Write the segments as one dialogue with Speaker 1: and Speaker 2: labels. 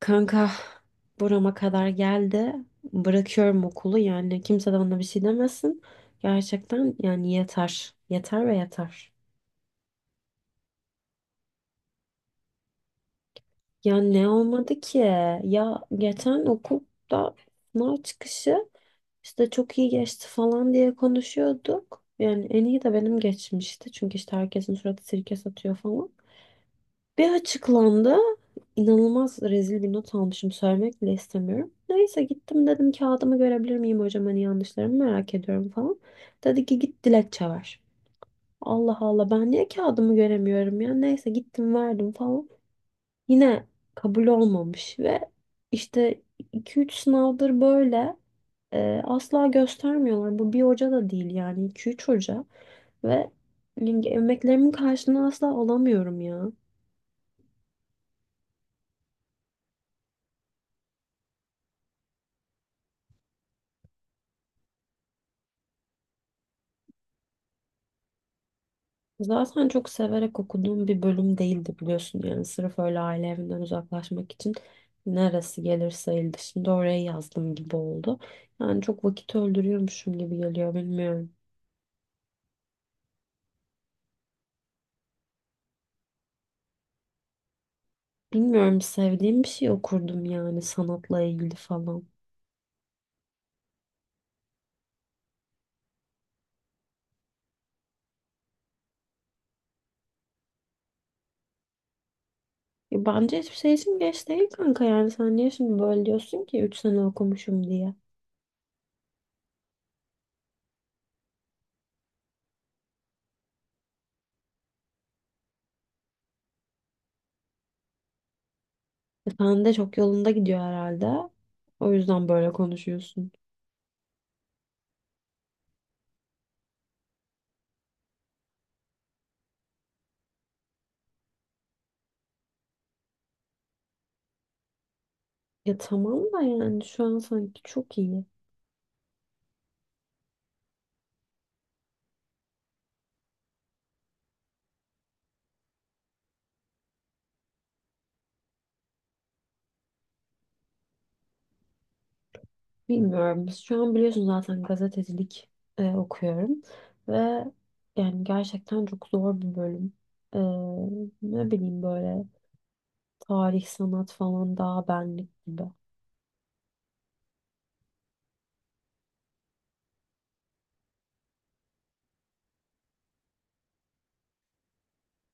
Speaker 1: Kanka burama kadar geldi. Bırakıyorum okulu yani kimse de bana bir şey demesin. Gerçekten yani yeter. Yeter ve yeter. Ya ne olmadı ki? Ya geçen okulda sınav çıkışı işte çok iyi geçti falan diye konuşuyorduk. Yani en iyi de benim geçmişti. Çünkü işte herkesin suratı sirke satıyor falan. Bir açıklandı. İnanılmaz rezil bir not almışım. Söylemek bile istemiyorum. Neyse gittim dedim kağıdımı görebilir miyim hocam, hani yanlışlarımı merak ediyorum falan. Dedi ki git dilekçe ver. Allah Allah ben niye kağıdımı göremiyorum ya. Neyse gittim verdim falan. Yine kabul olmamış ve işte 2 3 sınavdır böyle asla göstermiyorlar. Bu bir hoca da değil yani 2 3 hoca ve yani emeklerimin karşılığını asla alamıyorum ya. Zaten çok severek okuduğum bir bölüm değildi biliyorsun yani sırf öyle aile evinden uzaklaşmak için neresi gelirse el dışında oraya yazdım gibi oldu. Yani çok vakit öldürüyormuşum gibi geliyor bilmiyorum. Bilmiyorum, sevdiğim bir şey okurdum yani sanatla ilgili falan. Bence hiçbir şey için geç değil kanka, yani sen niye şimdi böyle diyorsun ki 3 sene okumuşum diye. Sen de çok yolunda gidiyor herhalde. O yüzden böyle konuşuyorsun. Ya tamam da yani şu an sanki çok iyi. Bilmiyorum. Şu an biliyorsun zaten gazetecilik okuyorum ve yani gerçekten çok zor bir bölüm. E, ne bileyim böyle tarih, sanat falan daha benlik gibi.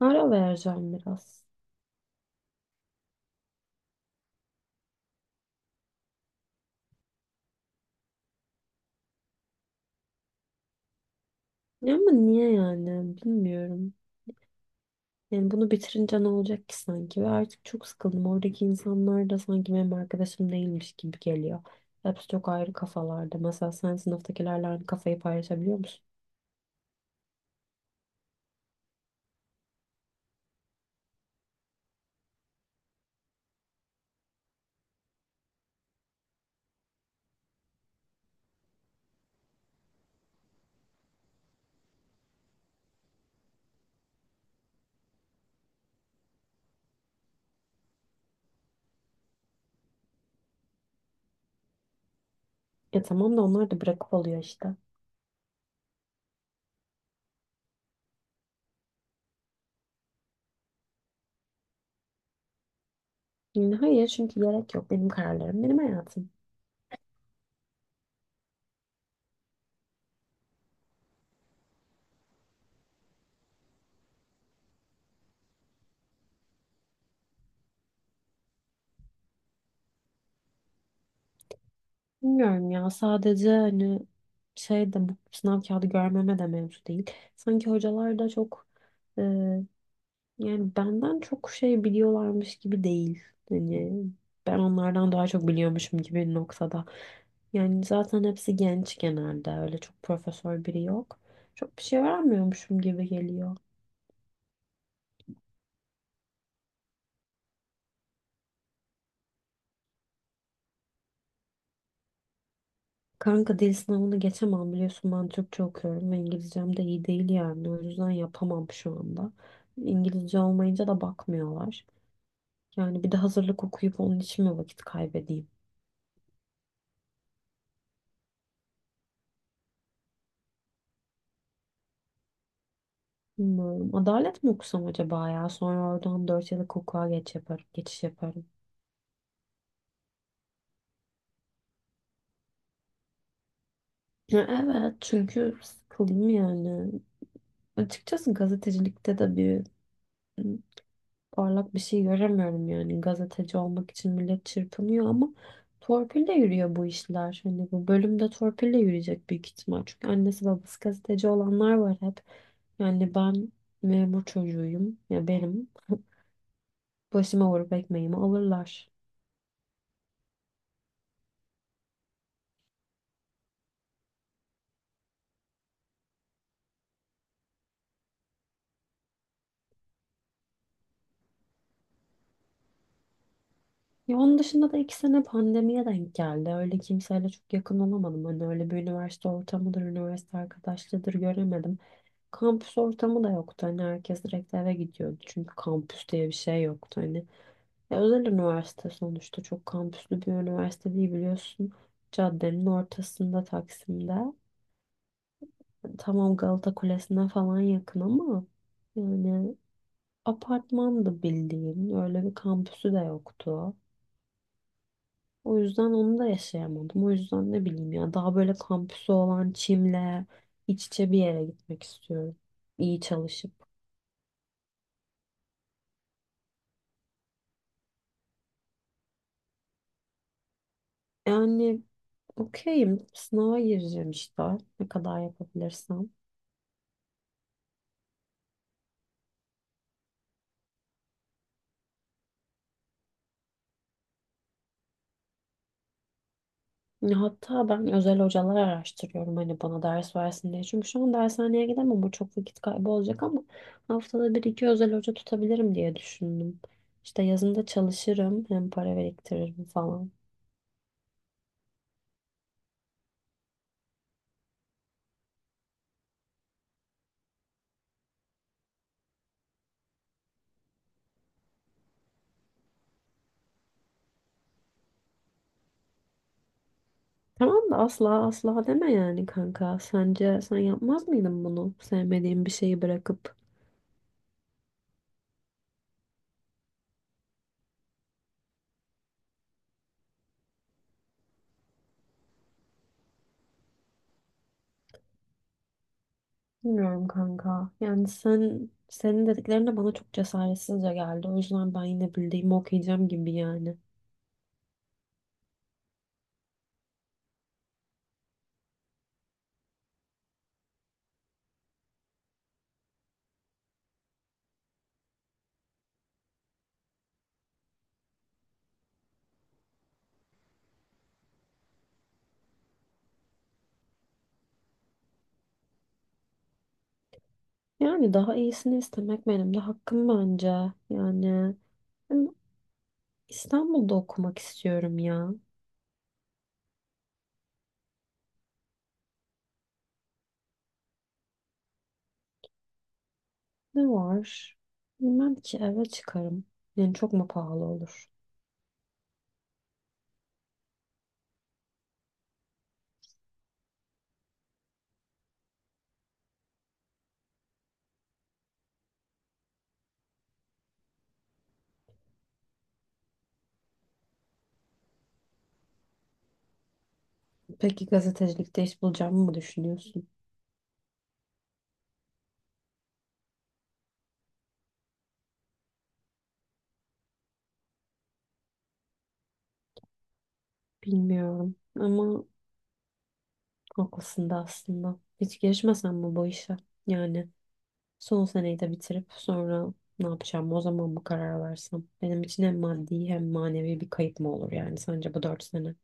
Speaker 1: Ara vereceğim biraz. Ya ama niye yani bilmiyorum. Yani bunu bitirince ne olacak ki sanki, ve artık çok sıkıldım. Oradaki insanlar da sanki benim arkadaşım değilmiş gibi geliyor. Hepsi çok ayrı kafalarda. Mesela sen sınıftakilerle aynı kafayı paylaşabiliyor musun? Ya tamam da onlar da bırakıp oluyor işte. Yani hayır, çünkü gerek yok. Benim kararlarım, benim hayatım. Bilmiyorum ya, sadece hani şey de bu sınav kağıdı görmeme de mevzu değil. Sanki hocalar da çok e, yani benden çok şey biliyorlarmış gibi değil. Hani ben onlardan daha çok biliyormuşum gibi bir noktada. Yani zaten hepsi genç, genelde öyle çok profesör biri yok. Çok bir şey öğrenmiyormuşum gibi geliyor. Kanka dil sınavını geçemem biliyorsun, ben Türkçe okuyorum ve İngilizcem de iyi değil yani o yüzden yapamam şu anda. İngilizce olmayınca da bakmıyorlar. Yani bir de hazırlık okuyup onun için mi vakit kaybedeyim? Bilmiyorum. Adalet mi okusam acaba ya? Sonra oradan 4 yıllık hukuka geç yaparım, geçiş yaparım. Ya evet çünkü sıkıldım yani. Açıkçası gazetecilikte de bir parlak bir şey göremiyorum, yani gazeteci olmak için millet çırpınıyor ama torpille yürüyor bu işler. Hani bu bölümde torpille yürüyecek büyük ihtimal. Çünkü annesi babası gazeteci olanlar var hep. Yani ben memur çocuğuyum ya, benim başıma vurup ekmeğimi alırlar. Ya onun dışında da 2 sene pandemiye denk geldi. Öyle kimseyle çok yakın olamadım. Hani öyle bir üniversite ortamıdır, üniversite arkadaşlığıdır göremedim. Kampüs ortamı da yoktu. Hani herkes direkt eve gidiyordu. Çünkü kampüs diye bir şey yoktu. Hani ya özel üniversite sonuçta, çok kampüslü bir üniversite değil biliyorsun. Caddenin ortasında Taksim'de. Tamam Galata Kulesi'ne falan yakın ama yani apartmandı bildiğin. Öyle bir kampüsü de yoktu. O yüzden onu da yaşayamadım. O yüzden ne bileyim ya, daha böyle kampüsü olan Çim'le iç içe bir yere gitmek istiyorum. İyi çalışıp. Yani okeyim. Sınava gireceğim işte. Ne kadar yapabilirsem. Ya hatta ben özel hocalar araştırıyorum hani bana ders versin diye. Çünkü şu an dershaneye gidemem, bu çok vakit kaybı olacak ama haftada 1 2 özel hoca tutabilirim diye düşündüm. İşte yazında çalışırım, hem para biriktiririm falan. Tamam da asla asla deme yani kanka. Sence sen yapmaz mıydın bunu? Sevmediğin bir şeyi bırakıp. Bilmiyorum kanka. Yani senin dediklerin de bana çok cesaretsizce geldi. O yüzden ben yine bildiğimi okuyacağım gibi yani. Yani daha iyisini istemek benim de hakkım bence. Yani ben İstanbul'da okumak istiyorum ya. Ne var? Bilmem ki, eve çıkarım. Yani çok mu pahalı olur? Peki gazetecilikte iş bulacağımı mı düşünüyorsun? Bilmiyorum ama haklısın da aslında. Hiç girişmesem mi bu işe? Yani son seneyi de bitirip sonra ne yapacağım o zaman mı karar versem? Benim için hem maddi hem manevi bir kayıp mı olur yani sence bu 4 sene?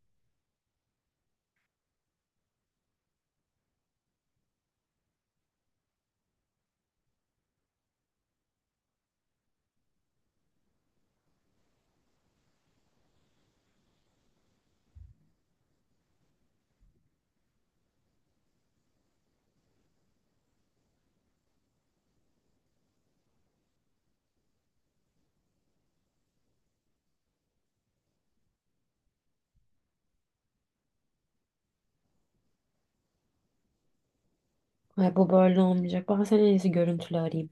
Speaker 1: Ay bu böyle olmayacak. Ben seni en iyisi görüntülü arayayım.